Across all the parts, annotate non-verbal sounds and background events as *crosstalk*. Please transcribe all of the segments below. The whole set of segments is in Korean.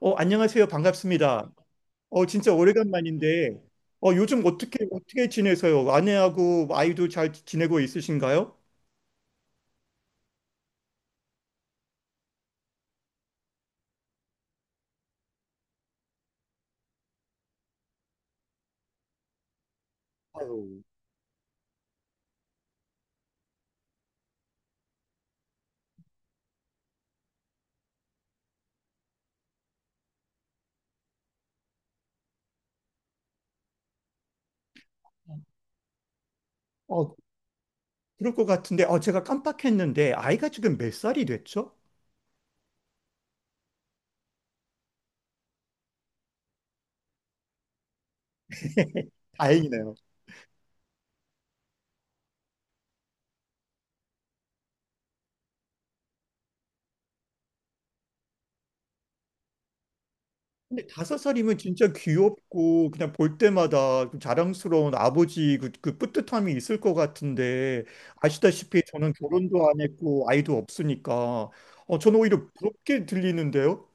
안녕하세요. 반갑습니다. 진짜 오래간만인데, 요즘 어떻게 지내세요? 아내하고 아이도 잘 지내고 있으신가요? 아유, 어, 그럴 것 같은데, 제가 깜빡했는데, 아이가 지금 몇 살이 됐죠? 다행이네요. 근데 다섯 살이면 진짜 귀엽고, 그냥 볼 때마다 그 자랑스러운 아버지 그 뿌듯함이 있을 것 같은데, 아시다시피 저는 결혼도 안 했고, 아이도 없으니까, 저는 오히려 부럽게 들리는데요?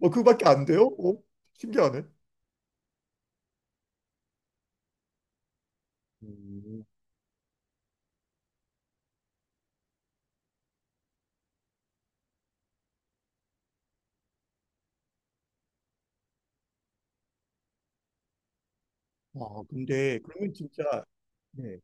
그거밖에 안 돼요? 어? 신기하네. 음, 아, 근데 그러면 진짜 네.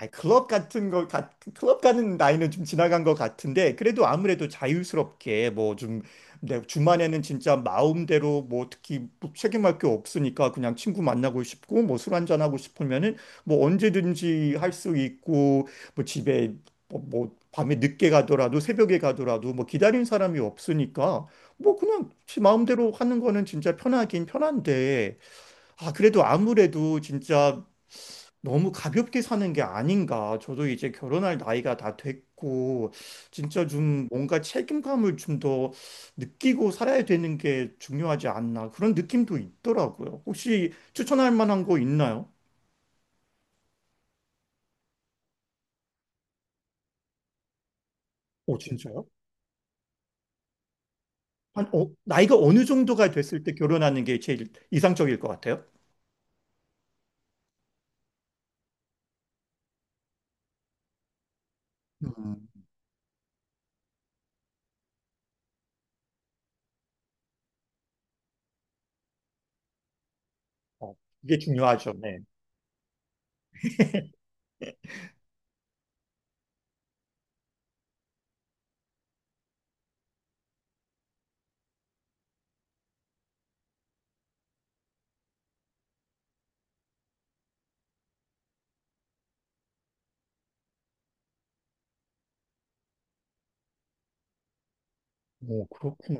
아, 클럽 같은 거, 클럽 가는 나이는 좀 지나간 것 같은데, 그래도 아무래도 자유스럽게, 뭐 좀, 내 주말에는 진짜 마음대로, 뭐 특히 뭐 책임할 게 없으니까 그냥 친구 만나고 싶고, 뭐 술 한잔하고 싶으면은, 뭐 언제든지 할 수 있고, 뭐 집에, 뭐 밤에 늦게 가더라도, 새벽에 가더라도, 뭐 기다린 사람이 없으니까, 뭐 그냥 지 마음대로 하는 거는 진짜 편하긴 편한데, 아, 그래도 아무래도 진짜 너무 가볍게 사는 게 아닌가. 저도 이제 결혼할 나이가 다 됐고, 진짜 좀 뭔가 책임감을 좀 더 느끼고 살아야 되는 게 중요하지 않나. 그런 느낌도 있더라고요. 혹시 추천할 만한 거 있나요? 오, 진짜요? 나이가 어느 정도가 됐을 때 결혼하는 게 제일 이상적일 것 같아요? 음. 어, 이게 중요하죠. 네. 오, 그렇구나.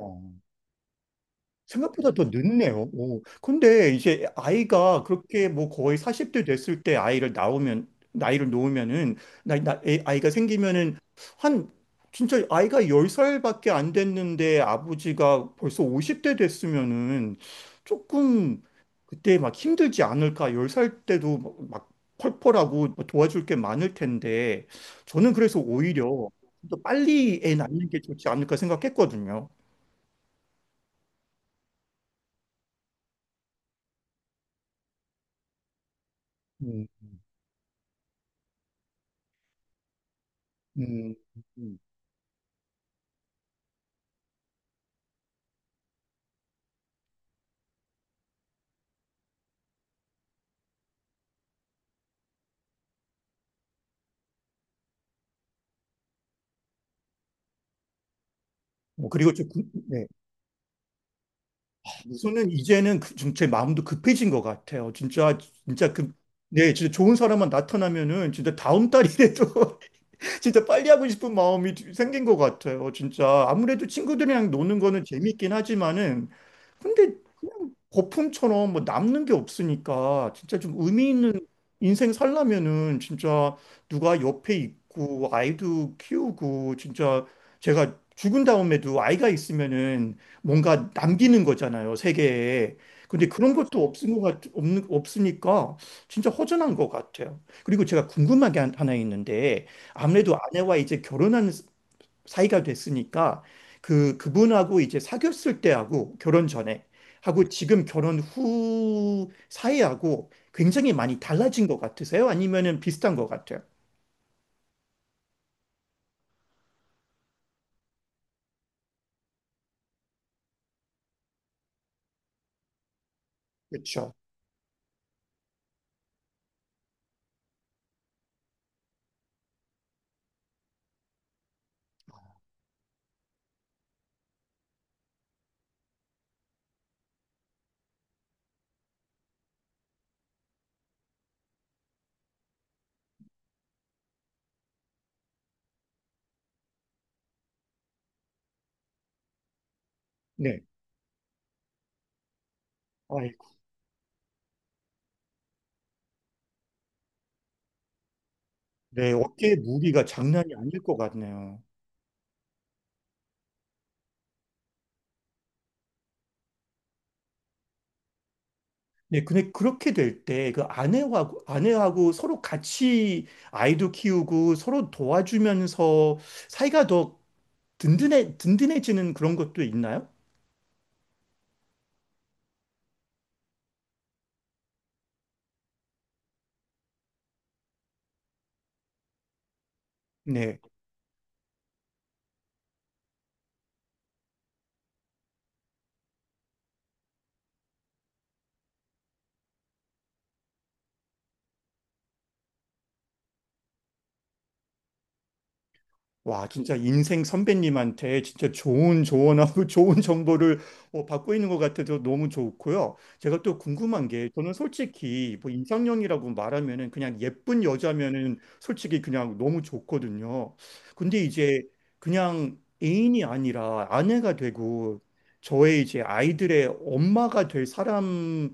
생각보다 더 늦네요. 오. 근데 이제 아이가 그렇게 뭐 거의 40대 됐을 때 아이를 낳으면, 나이를 놓으면은, 아이가 생기면은 한, 진짜 아이가 10살밖에 안 됐는데 아버지가 벌써 50대 됐으면은 조금 그때 막 힘들지 않을까. 10살 때도 막 펄펄하고 뭐 도와줄 게 많을 텐데 저는 그래서 오히려 더 빨리 애 낳는 게 좋지 않을까 생각했거든요. 음, 음. 뭐 그리고 저 네. 저는 이제는 좀 제 마음도 급해진 것 같아요. 진짜 진짜 네, 진짜 좋은 사람만 나타나면은 진짜 다음 달이라도 진짜 빨리 하고 싶은 마음이 생긴 것 같아요. 진짜 아무래도 친구들이랑 노는 거는 재밌긴 하지만은 근데 그냥 거품처럼 뭐 남는 게 없으니까 진짜 좀 의미 있는 인생 살려면은 진짜 누가 옆에 있고 아이도 키우고 진짜 제가 죽은 다음에도 아이가 있으면은 뭔가 남기는 거잖아요, 세계에. 근데 그런 것도 없은 없으니까 진짜 허전한 것 같아요. 그리고 제가 궁금한 게 하나 있는데 아무래도 아내와 이제 결혼한 사이가 됐으니까 그분하고 이제 사귀었을 때하고 결혼 전에 하고 지금 결혼 후 사이하고 굉장히 많이 달라진 것 같으세요? 아니면은 비슷한 것 같아요? 그렇죠. 네. 아이고, 네, 어깨에 무리가 장난이 아닐 것 같네요. 네, 근데 그렇게 될 때 그 아내하고 서로 같이 아이도 키우고 서로 도와주면서 사이가 더 든든해지는 그런 것도 있나요? 네. 와, 진짜 인생 선배님한테 진짜 좋은 조언하고 *laughs* 좋은 정보를 받고 있는 것 같아서 너무 좋고요. 제가 또 궁금한 게 저는 솔직히 뭐 이상형이라고 말하면은 그냥 예쁜 여자면은 솔직히 그냥 너무 좋거든요. 근데 이제 그냥 애인이 아니라 아내가 되고 저의 이제 아이들의 엄마가 될 사람이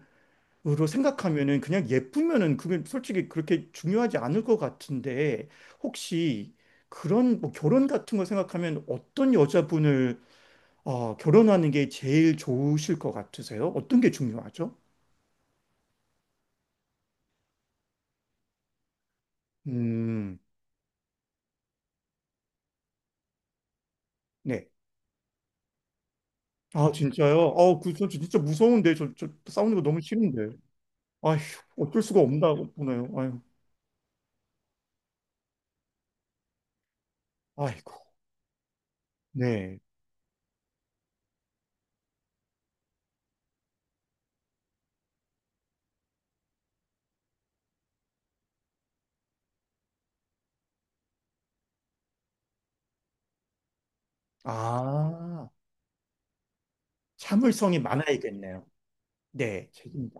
으로 생각하면은 그냥 예쁘면은 그게 솔직히 그렇게 중요하지 않을 것 같은데 혹시 그런 뭐 결혼 같은 거 생각하면 어떤 여자분을 결혼하는 게 제일 좋으실 것 같으세요? 어떤 게 중요하죠? 음, 네. 아, 진짜요? 저 진짜 무서운데. 저 싸우는 거 너무 싫은데. 아휴, 어쩔 수가 없나 보네요. 아유, 아이고. 네. 아, 참을성이 많아야겠네요. 네. 책임.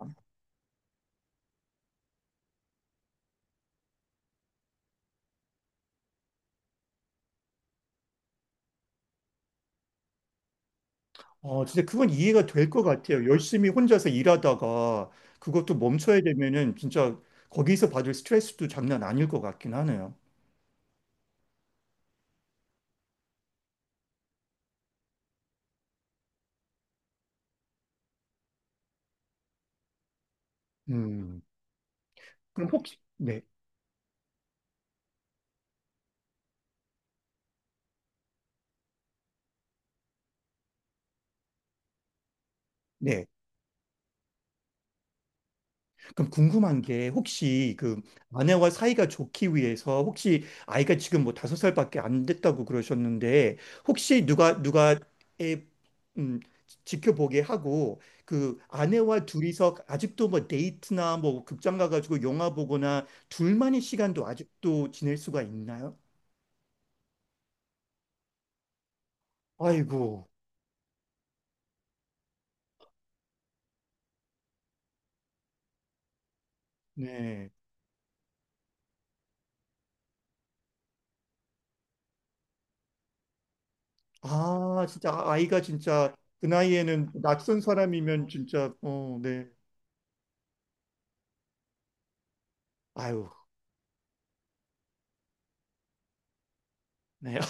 진짜 그건 이해가 될 것 같아요. 열심히 혼자서 일하다가 그것도 멈춰야 되면은 진짜 거기서 받을 스트레스도 장난 아닐 것 같긴 하네요. 음. 그럼 혹시, 네, 네. 그럼 궁금한 게 혹시 그 아내와 사이가 좋기 위해서 혹시 아이가 지금 뭐 다섯 살밖에 안 됐다고 그러셨는데 혹시 누가 애 음, 지켜보게 하고 그 아내와 둘이서 아직도 뭐 데이트나 뭐 극장 가가지고 영화 보거나 둘만의 시간도 아직도 지낼 수가 있나요? 아이고, 네. 아, 진짜 아이가 진짜 그 나이에는 낯선 사람이면 진짜 네. 아유, 네.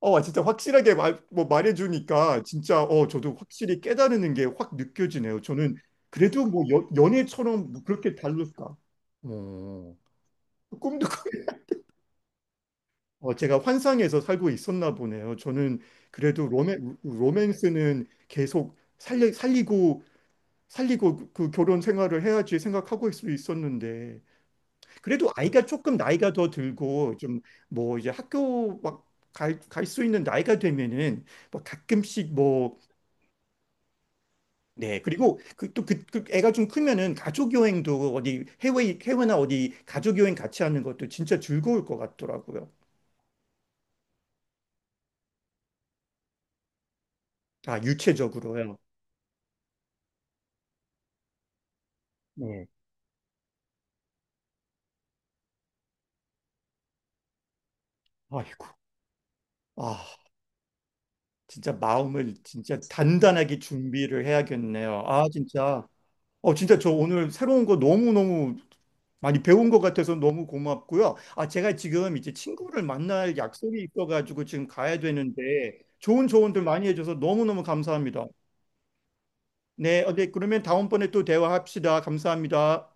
진짜 확실하게 뭐 말해주니까 진짜 저도 확실히 깨달는 게 확 느껴지네요. 저는 그래도 뭐 연애처럼 뭐 그렇게 다를까? 어, 꿈도 *laughs* 꾸게. 제가 환상에서 살고 있었나 보네요. 저는 그래도 로맨스는 계속 살리고 그 결혼 생활을 해야지 생각하고 있을 수 있었는데 그래도 아이가 조금 나이가 더 들고 좀 뭐 이제 학교 막 갈 수 있는 나이가 되면은 뭐 가끔씩 뭐 네, 그리고 또 그 애가 좀 크면은 가족 여행도 어디 해외나 어디 가족 여행 같이 하는 것도 진짜 즐거울 것 같더라고요. 아, 유체적으로요. 네. 아이고, 아, 진짜 마음을 진짜 단단하게 준비를 해야겠네요. 아, 진짜. 진짜 저 오늘 새로운 거 너무너무 많이 배운 것 같아서 너무 고맙고요. 아, 제가 지금 이제 친구를 만날 약속이 있어가지고 지금 가야 되는데 좋은 조언들 많이 해줘서 너무너무 감사합니다. 네, 네, 그러면 다음번에 또 대화합시다. 감사합니다.